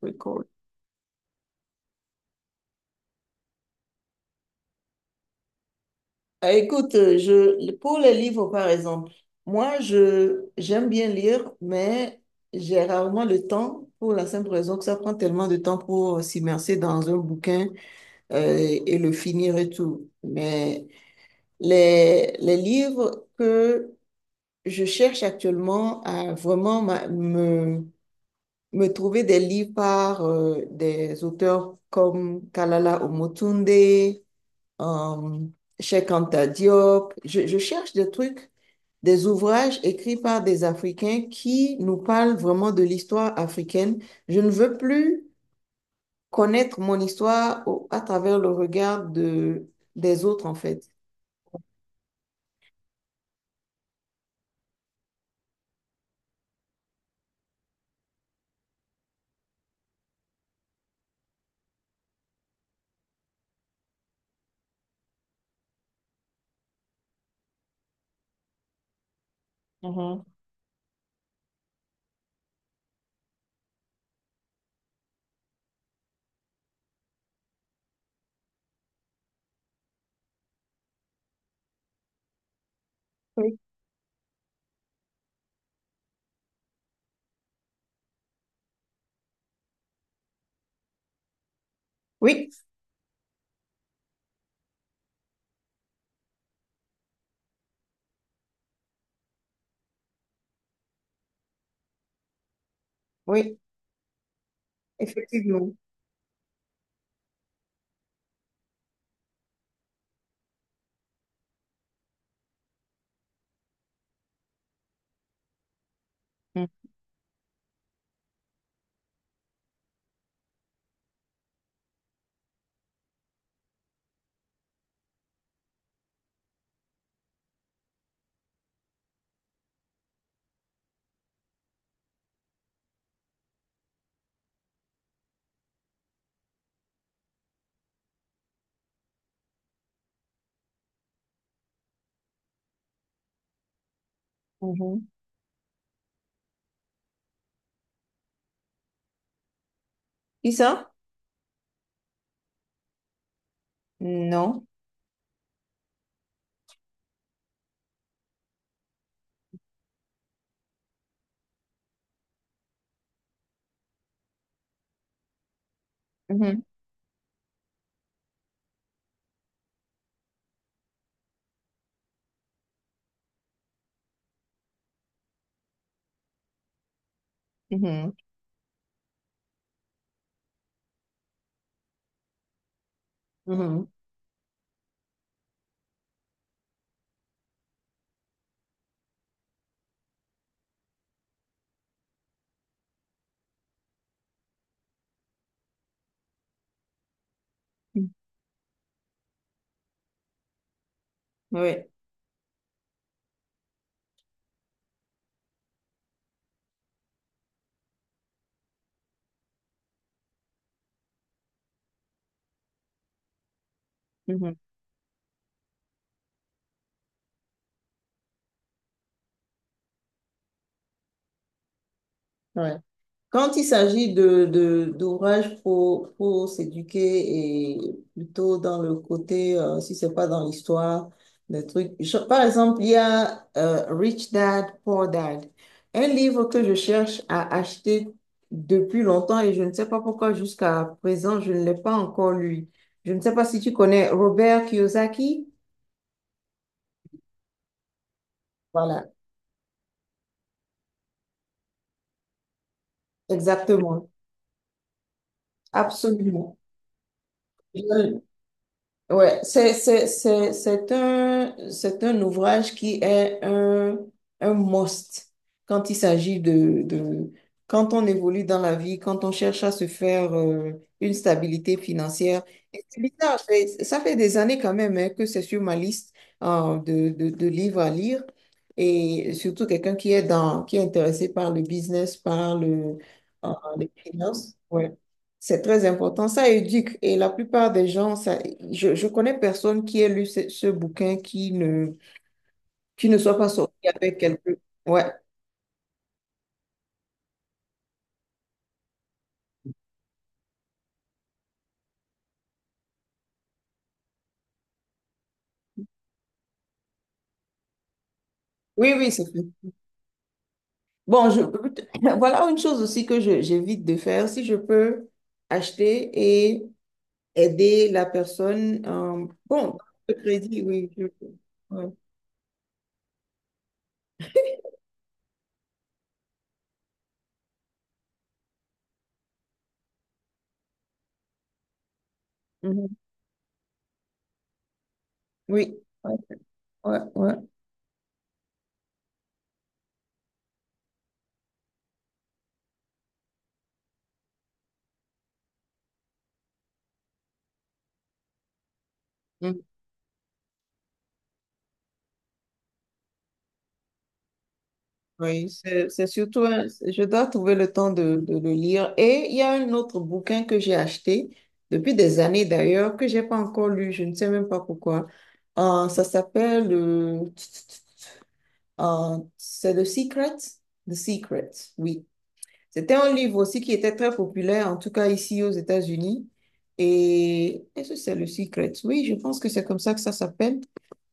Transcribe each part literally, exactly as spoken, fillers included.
Record. Ah, Écoute, euh, je, pour les livres, par exemple, moi, je, j'aime bien lire, mais j'ai rarement le temps pour la simple raison que ça prend tellement de temps pour s'immerser dans un bouquin euh, et le finir et tout. Mais les, les livres que je cherche actuellement à vraiment ma- me, me trouver des livres par euh, des auteurs comme Kalala Omotunde, euh, Cheikh Anta Diop. Je, je cherche des trucs, des ouvrages écrits par des Africains qui nous parlent vraiment de l'histoire africaine. Je ne veux plus connaître mon histoire au- à travers le regard de, des autres, en fait. Mhm. Oui, oui, oui, effectivement. Mhm. Mhm. Qui ça? Non. Mhm. Mhm. Mhm. Mhm. Oui. Mhm. Oui. Quand il s'agit de, de- d'ouvrages pour, pour s'éduquer et plutôt dans le côté, euh, si c'est pas dans l'histoire, des trucs. Je- par exemple, il y a euh, Rich Dad, Poor Dad, un livre que je cherche à acheter depuis longtemps et je ne sais pas pourquoi jusqu'à présent, je ne l'ai pas encore lu. Je ne sais pas si tu connais Robert Kiyosaki. Voilà, exactement, absolument. Je- Ouais, c'est, c'est, c'est, c'est un, c'est un ouvrage qui est un, un must quand il s'agit de, de, quand on évolue dans la vie, quand on cherche à se faire euh, une stabilité financière. Et c'est bizarre, c'est- ça fait des années quand même hein, que c'est sur ma liste euh, de, de, de livres à lire. Et surtout quelqu'un qui est dans, qui est intéressé par le business, par le, euh, les finances. Ouais. C'est très important, ça éduque. Et la plupart des gens, ça, je, je connais personne qui ait lu ce, ce bouquin qui ne, qui ne soit pas sorti avec quelqu'un. Ouais. Oui, oui, c'est tout. Bon, je, voilà une chose aussi que je- j'évite de faire. Si je peux acheter et aider la personne, euh, bon, le crédit, oui. je- ouais. Mhm. Oui, ouais, ouais. Ouais. Oui, c'est c'est surtout, un- je dois trouver le temps de, de le lire. Et il y a un autre bouquin que j'ai acheté depuis des années d'ailleurs, que j'ai pas encore lu, je ne sais même pas pourquoi. Euh, ça s'appelle, euh, euh, c'est The Secret? The Secret, oui. C'était un livre aussi qui était très populaire, en tout cas ici aux États-Unis. Et est-ce que c'est le Secret? Oui, je pense que c'est comme ça que ça s'appelle.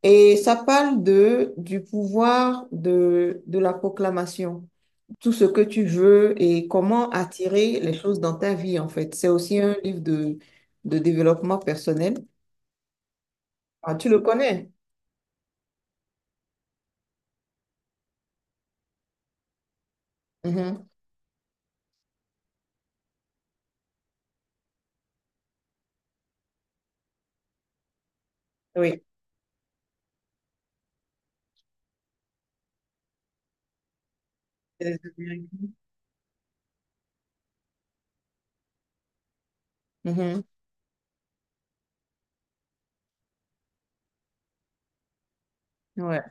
Et ça parle de, du pouvoir de, de la proclamation tout ce que tu veux et comment attirer les choses dans ta vie, en fait. C'est aussi un livre de, de développement personnel. Ah, tu le connais? Mhm. Oui. C'est des Américains. Mhm. Ouais.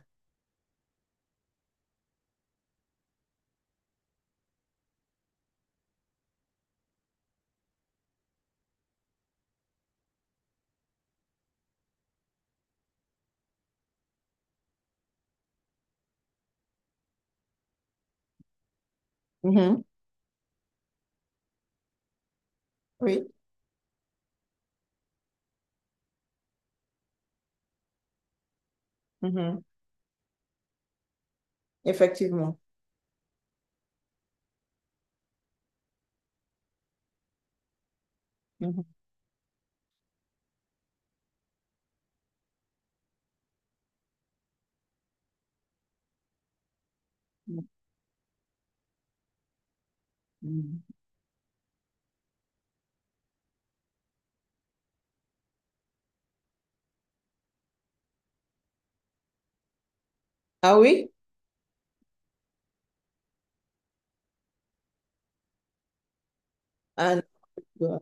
Mhm. Oui. Mhm. Effectivement. Mhm. Mhm. Ah oui? Ah, non.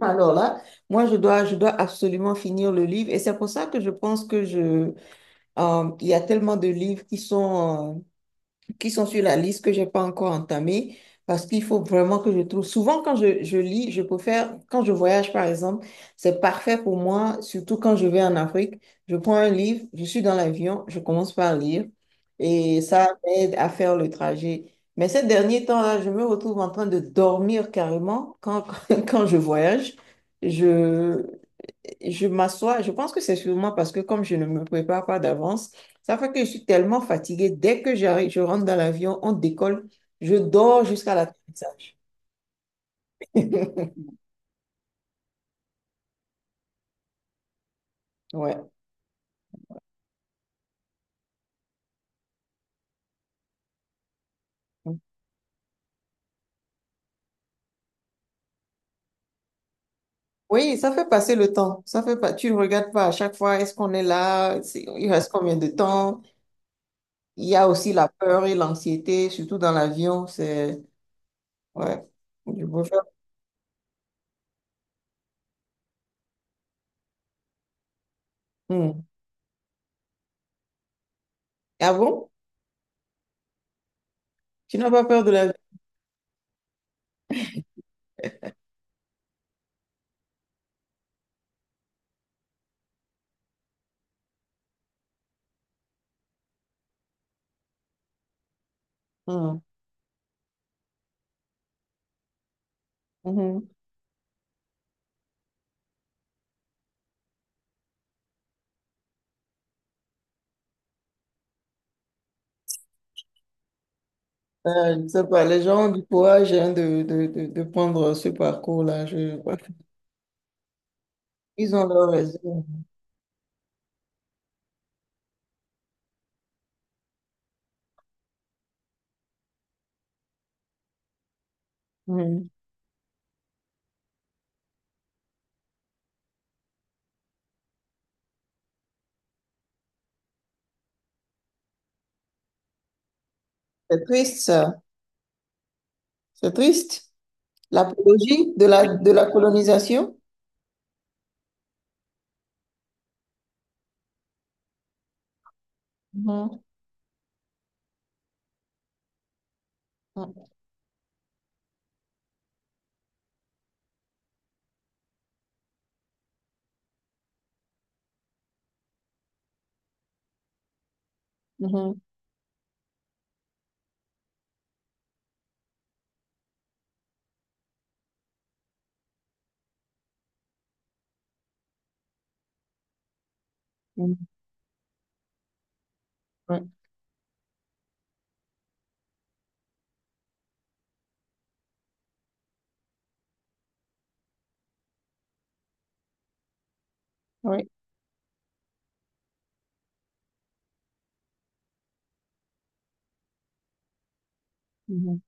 Alors là, moi, je dois, je dois absolument finir le livre et c'est pour ça que je pense que je, euh, il y a tellement de livres qui sont... euh, qui sont sur la liste que j'ai pas encore entamée parce qu'il faut vraiment que je trouve. Souvent, quand je, je lis, je préfère, quand je voyage par exemple, c'est parfait pour moi, surtout quand je vais en Afrique. Je prends un livre, je suis dans l'avion, je commence par lire et ça m'aide à faire le trajet. Mais ces derniers temps-là, je me retrouve en train de dormir carrément quand, quand je voyage. Je, je m'assois, je pense que c'est sûrement parce que comme je ne me prépare pas d'avance, ça fait que je suis tellement fatiguée. Dès que j'arrive, je rentre dans l'avion, on décolle, je dors jusqu'à l'atterrissage. Ouais. Oui, ça fait passer le temps. Ça fait pas, tu ne regardes pas à chaque fois, est-ce qu'on est là? C'est- Il reste combien de temps? Il y a aussi la peur et l'anxiété, surtout dans l'avion. C'est, ouais, je préfère. Hmm. Ah bon? Tu n'as pas peur de l'avion? Hmm. Mhm. Euh, je ne sais pas, les gens ont du courage hein, de, de, de, de prendre ce parcours-là. Je... Ils ont leur raison. Mhm. C'est triste, ça. C'est triste. L'apologie de la, de la colonisation. Mhm, mhm, mhm, mhm, ouais, ouais, mhm,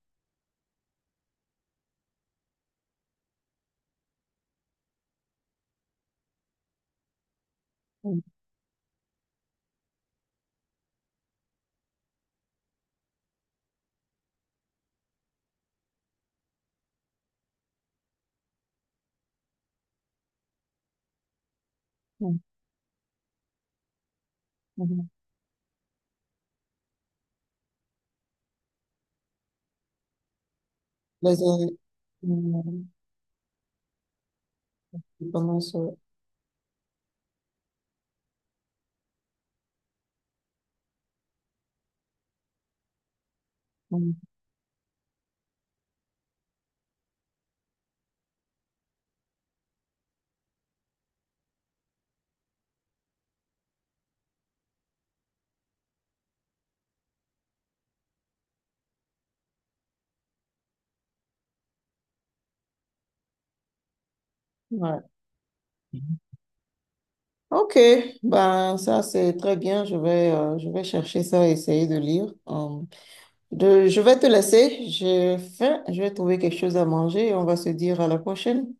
mhm, mhm, mhm, Les in- Mhm. indépendances. Euh, mhm. ouais. Ok, ben ça c'est très bien. Je vais, euh, je vais chercher ça et essayer de lire. Euh, Je, je vais te laisser. J'ai faim. Je vais trouver quelque chose à manger et on va se dire à la prochaine.